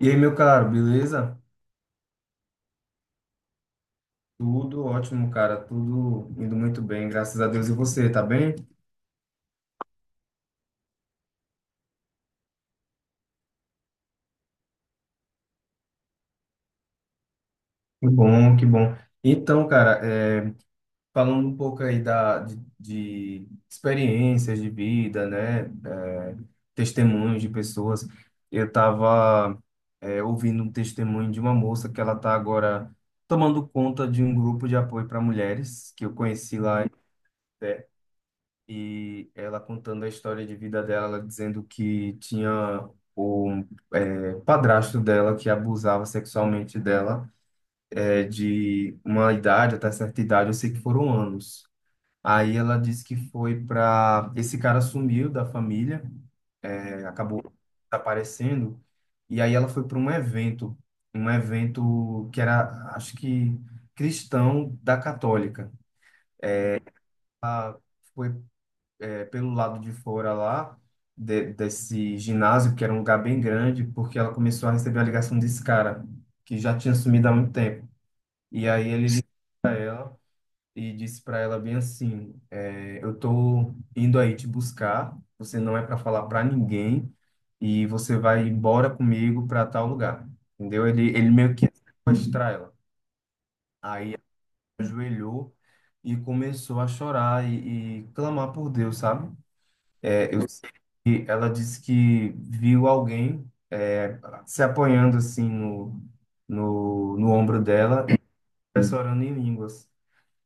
E aí, meu caro, beleza? Tudo ótimo, cara. Tudo indo muito bem, graças a Deus. E você, tá bem? Que bom, que bom. Então, cara, falando um pouco aí de experiências de vida, né? É, testemunhos de pessoas. Eu tava ouvindo um testemunho de uma moça que ela tá agora tomando conta de um grupo de apoio para mulheres que eu conheci lá. é, E ela contando a história de vida dela, ela dizendo que tinha o padrasto dela que abusava sexualmente dela, de uma idade até certa idade, eu sei que foram anos. Aí ela disse que foi para... Esse cara sumiu da família, acabou desaparecendo, e aí ela foi para um evento que era, acho que, cristão da católica. Foi pelo lado de fora lá desse ginásio, que era um lugar bem grande, porque ela começou a receber a ligação desse cara, que já tinha sumido há muito tempo. E aí ele ligou ela e disse para ela bem assim, é, eu tô indo aí te buscar, você não é para falar para ninguém e você vai embora comigo para tal lugar. Entendeu? Ele meio que ia sequestrar ela. Aí ela ajoelhou e começou a chorar e clamar por Deus, sabe? Ela disse que viu alguém, é, se apoiando assim no ombro dela e começou orando em línguas.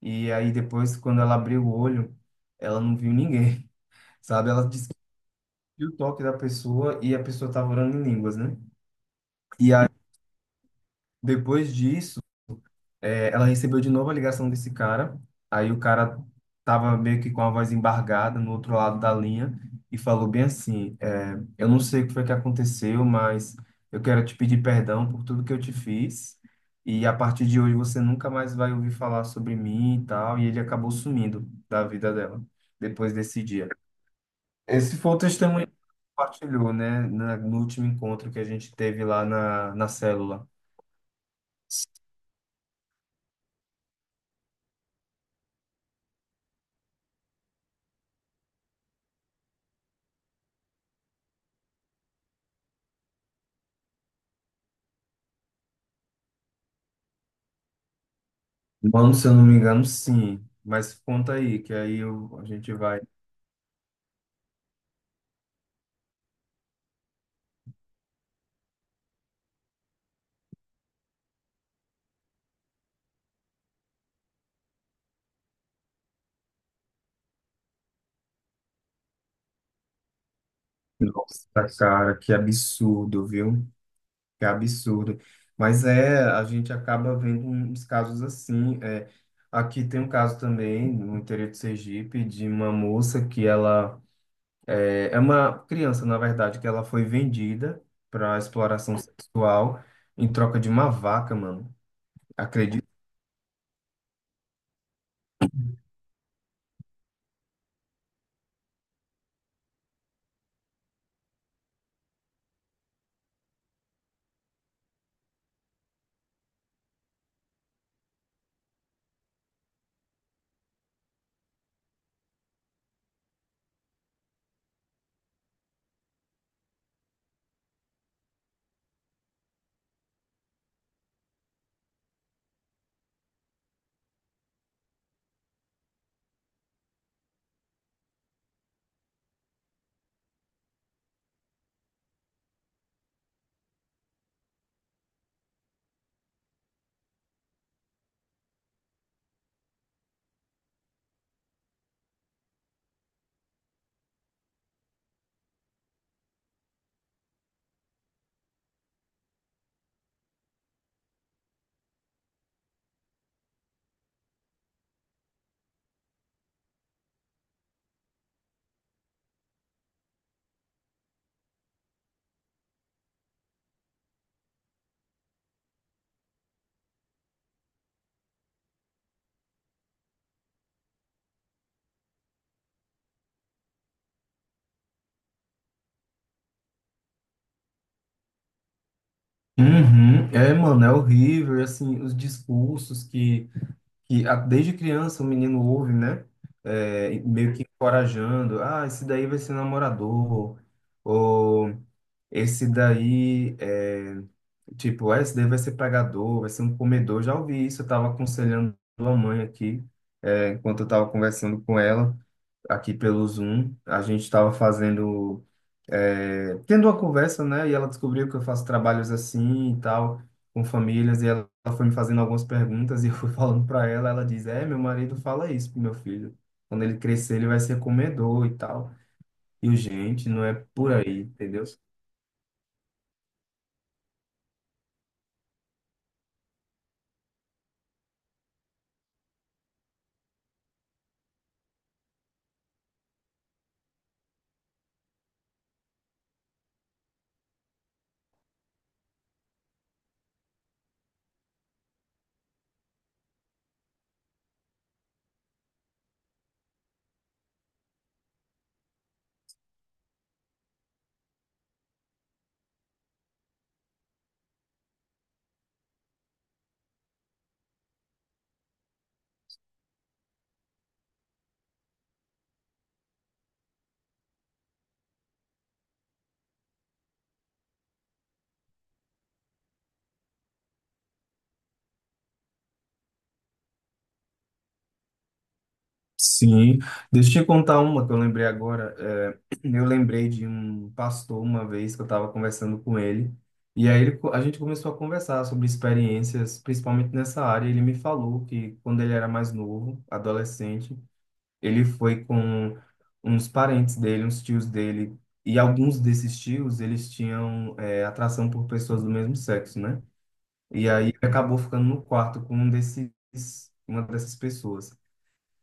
E aí depois, quando ela abriu o olho, ela não viu ninguém, sabe? Ela disse que viu o toque da pessoa e a pessoa estava orando em línguas, né? E aí, depois disso, é, ela recebeu de novo a ligação desse cara. Aí o cara tava meio que com a voz embargada no outro lado da linha e falou bem assim: eu não sei o que foi que aconteceu, mas eu quero te pedir perdão por tudo que eu te fiz. E a partir de hoje você nunca mais vai ouvir falar sobre mim e tal. E ele acabou sumindo da vida dela depois desse dia. Esse foi o testemunho que compartilhou, né, no último encontro que a gente teve lá na célula. Mano, se eu não me engano, sim. Mas conta aí, que a gente vai. Nossa, cara, que absurdo, viu? Que absurdo. Mas é, a gente acaba vendo um, uns casos assim, é. Aqui tem um caso também, no interior de Sergipe, de uma moça que ela. É, é uma criança, na verdade, que ela foi vendida para exploração sexual em troca de uma vaca, mano. Acredito. Uhum. É, mano, é horrível, e, assim, os discursos que desde criança o menino ouve, né? Meio que encorajando, ah, esse daí vai ser namorador, ou esse daí é tipo, ah, esse daí vai ser pregador, vai ser um comedor. Já ouvi isso, eu estava aconselhando a mãe aqui, enquanto eu estava conversando com ela, aqui pelo Zoom, a gente estava fazendo, tendo uma conversa, né? E ela descobriu que eu faço trabalhos assim e tal, com famílias, e ela foi me fazendo algumas perguntas, e eu fui falando para ela, ela diz, é, meu marido fala isso pro meu filho. Quando ele crescer, ele vai ser comedor e tal. E o gente, não é por aí, entendeu? Sim, deixa eu te contar uma que eu lembrei agora. É, eu lembrei de um pastor uma vez que eu estava conversando com ele, e aí a gente começou a conversar sobre experiências, principalmente nessa área. Ele me falou que quando ele era mais novo, adolescente, ele foi com uns parentes dele, uns tios dele, e alguns desses tios eles tinham, é, atração por pessoas do mesmo sexo, né? E aí ele acabou ficando no quarto com um desses, uma dessas pessoas.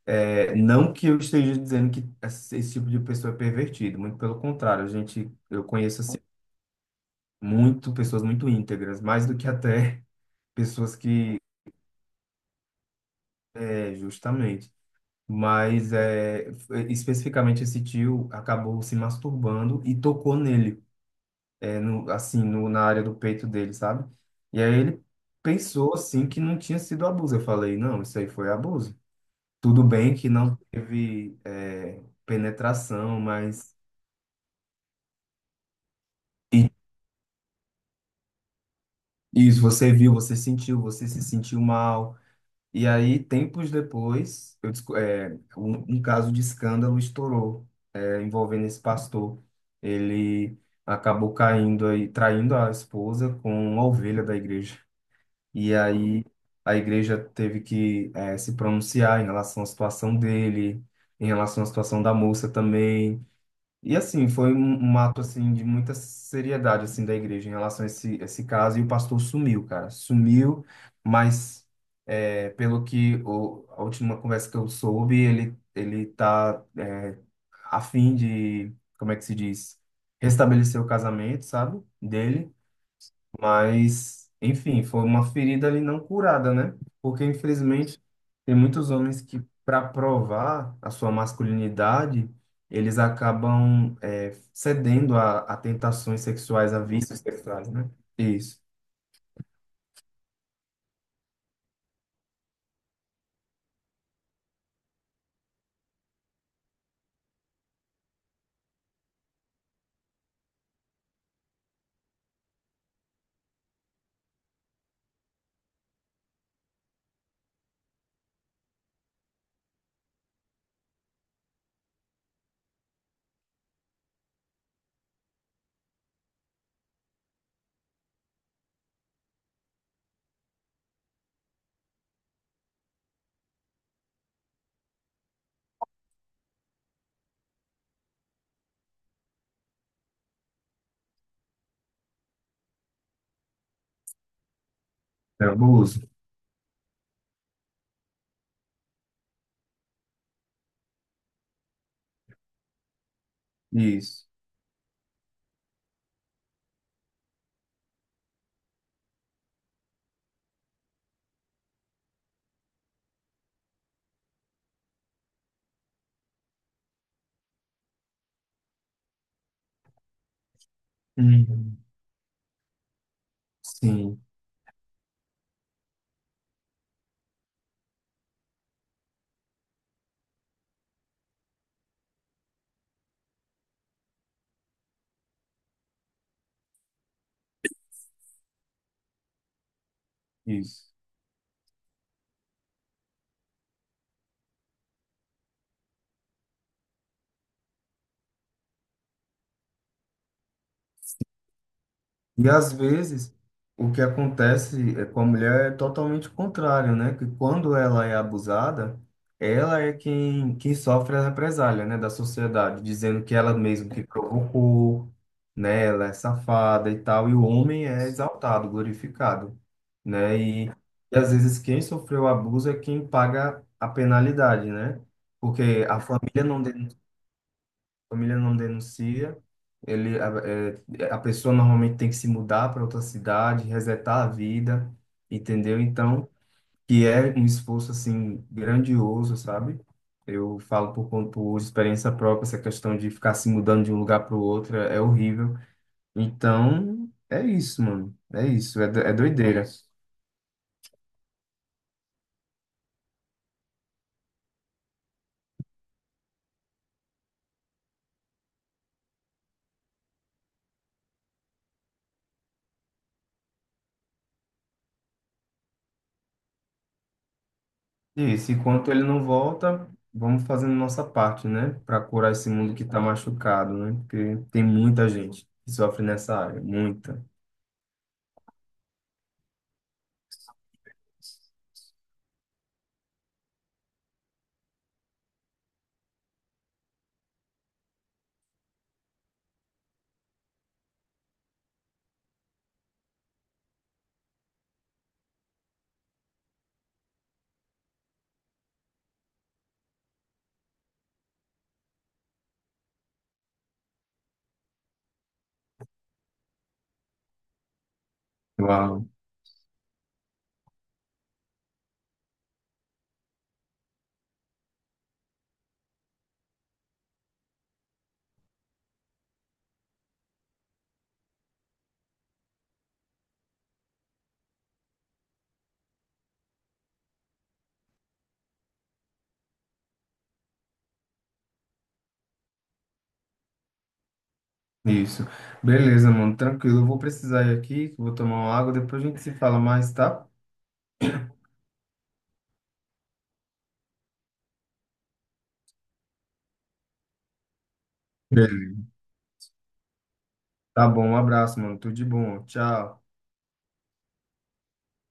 É, não que eu esteja dizendo que esse tipo de pessoa é pervertido, muito pelo contrário, a gente, eu conheço assim, muito pessoas muito íntegras, mais do que até pessoas que, é, justamente, mas é, especificamente esse tio acabou se masturbando e tocou nele, é, no, assim, no, na área do peito dele, sabe? E aí ele pensou assim que não tinha sido abuso. Eu falei, não, isso aí foi abuso. Tudo bem que não teve, é, penetração, mas isso, você viu, você sentiu, você se sentiu mal. E aí, tempos depois, eu um caso de escândalo estourou, é, envolvendo esse pastor. Ele acabou caindo aí, traindo a esposa com uma ovelha da igreja. E aí, a igreja teve que, é, se pronunciar em relação à situação dele, em relação à situação da moça também. E assim, foi um ato assim de muita seriedade assim da igreja em relação a esse caso e o pastor sumiu, cara. Sumiu, mas é, pelo que a última conversa que eu soube, ele tá a fim de, como é que se diz, restabelecer o casamento, sabe? Dele. Mas, enfim, foi uma ferida ali não curada, né? Porque, infelizmente, tem muitos homens que, para provar a sua masculinidade, eles acabam, é, cedendo a tentações sexuais, a vícios sexuais, né? Isso. É abuso. Isso. Uhum. Sim, isso. E às vezes o que acontece é com a mulher é totalmente o contrário, né? Que quando ela é abusada, ela é quem, quem sofre a represália, né, da sociedade, dizendo que ela mesma que provocou, né? Ela é safada e tal, e o homem é exaltado, glorificado, né? E às vezes quem sofreu o abuso é quem paga a penalidade, né? Porque a família não denuncia, família não denuncia. A a pessoa normalmente tem que se mudar para outra cidade, resetar a vida, entendeu? Então, que é um esforço assim grandioso, sabe? Eu falo por, por experiência própria, essa questão de ficar se mudando de um lugar para o outro é horrível. Então, é isso, mano. É isso, é doideira. Isso, enquanto ele não volta, vamos fazendo nossa parte, né? Para curar esse mundo que está machucado, né? Porque tem muita gente que sofre nessa área, muita. Uau, isso. Beleza, mano, tranquilo. Eu vou precisar ir aqui, vou tomar uma água, depois a gente se fala mais, tá? Beleza. Tá bom, um abraço, mano. Tudo de bom. Tchau.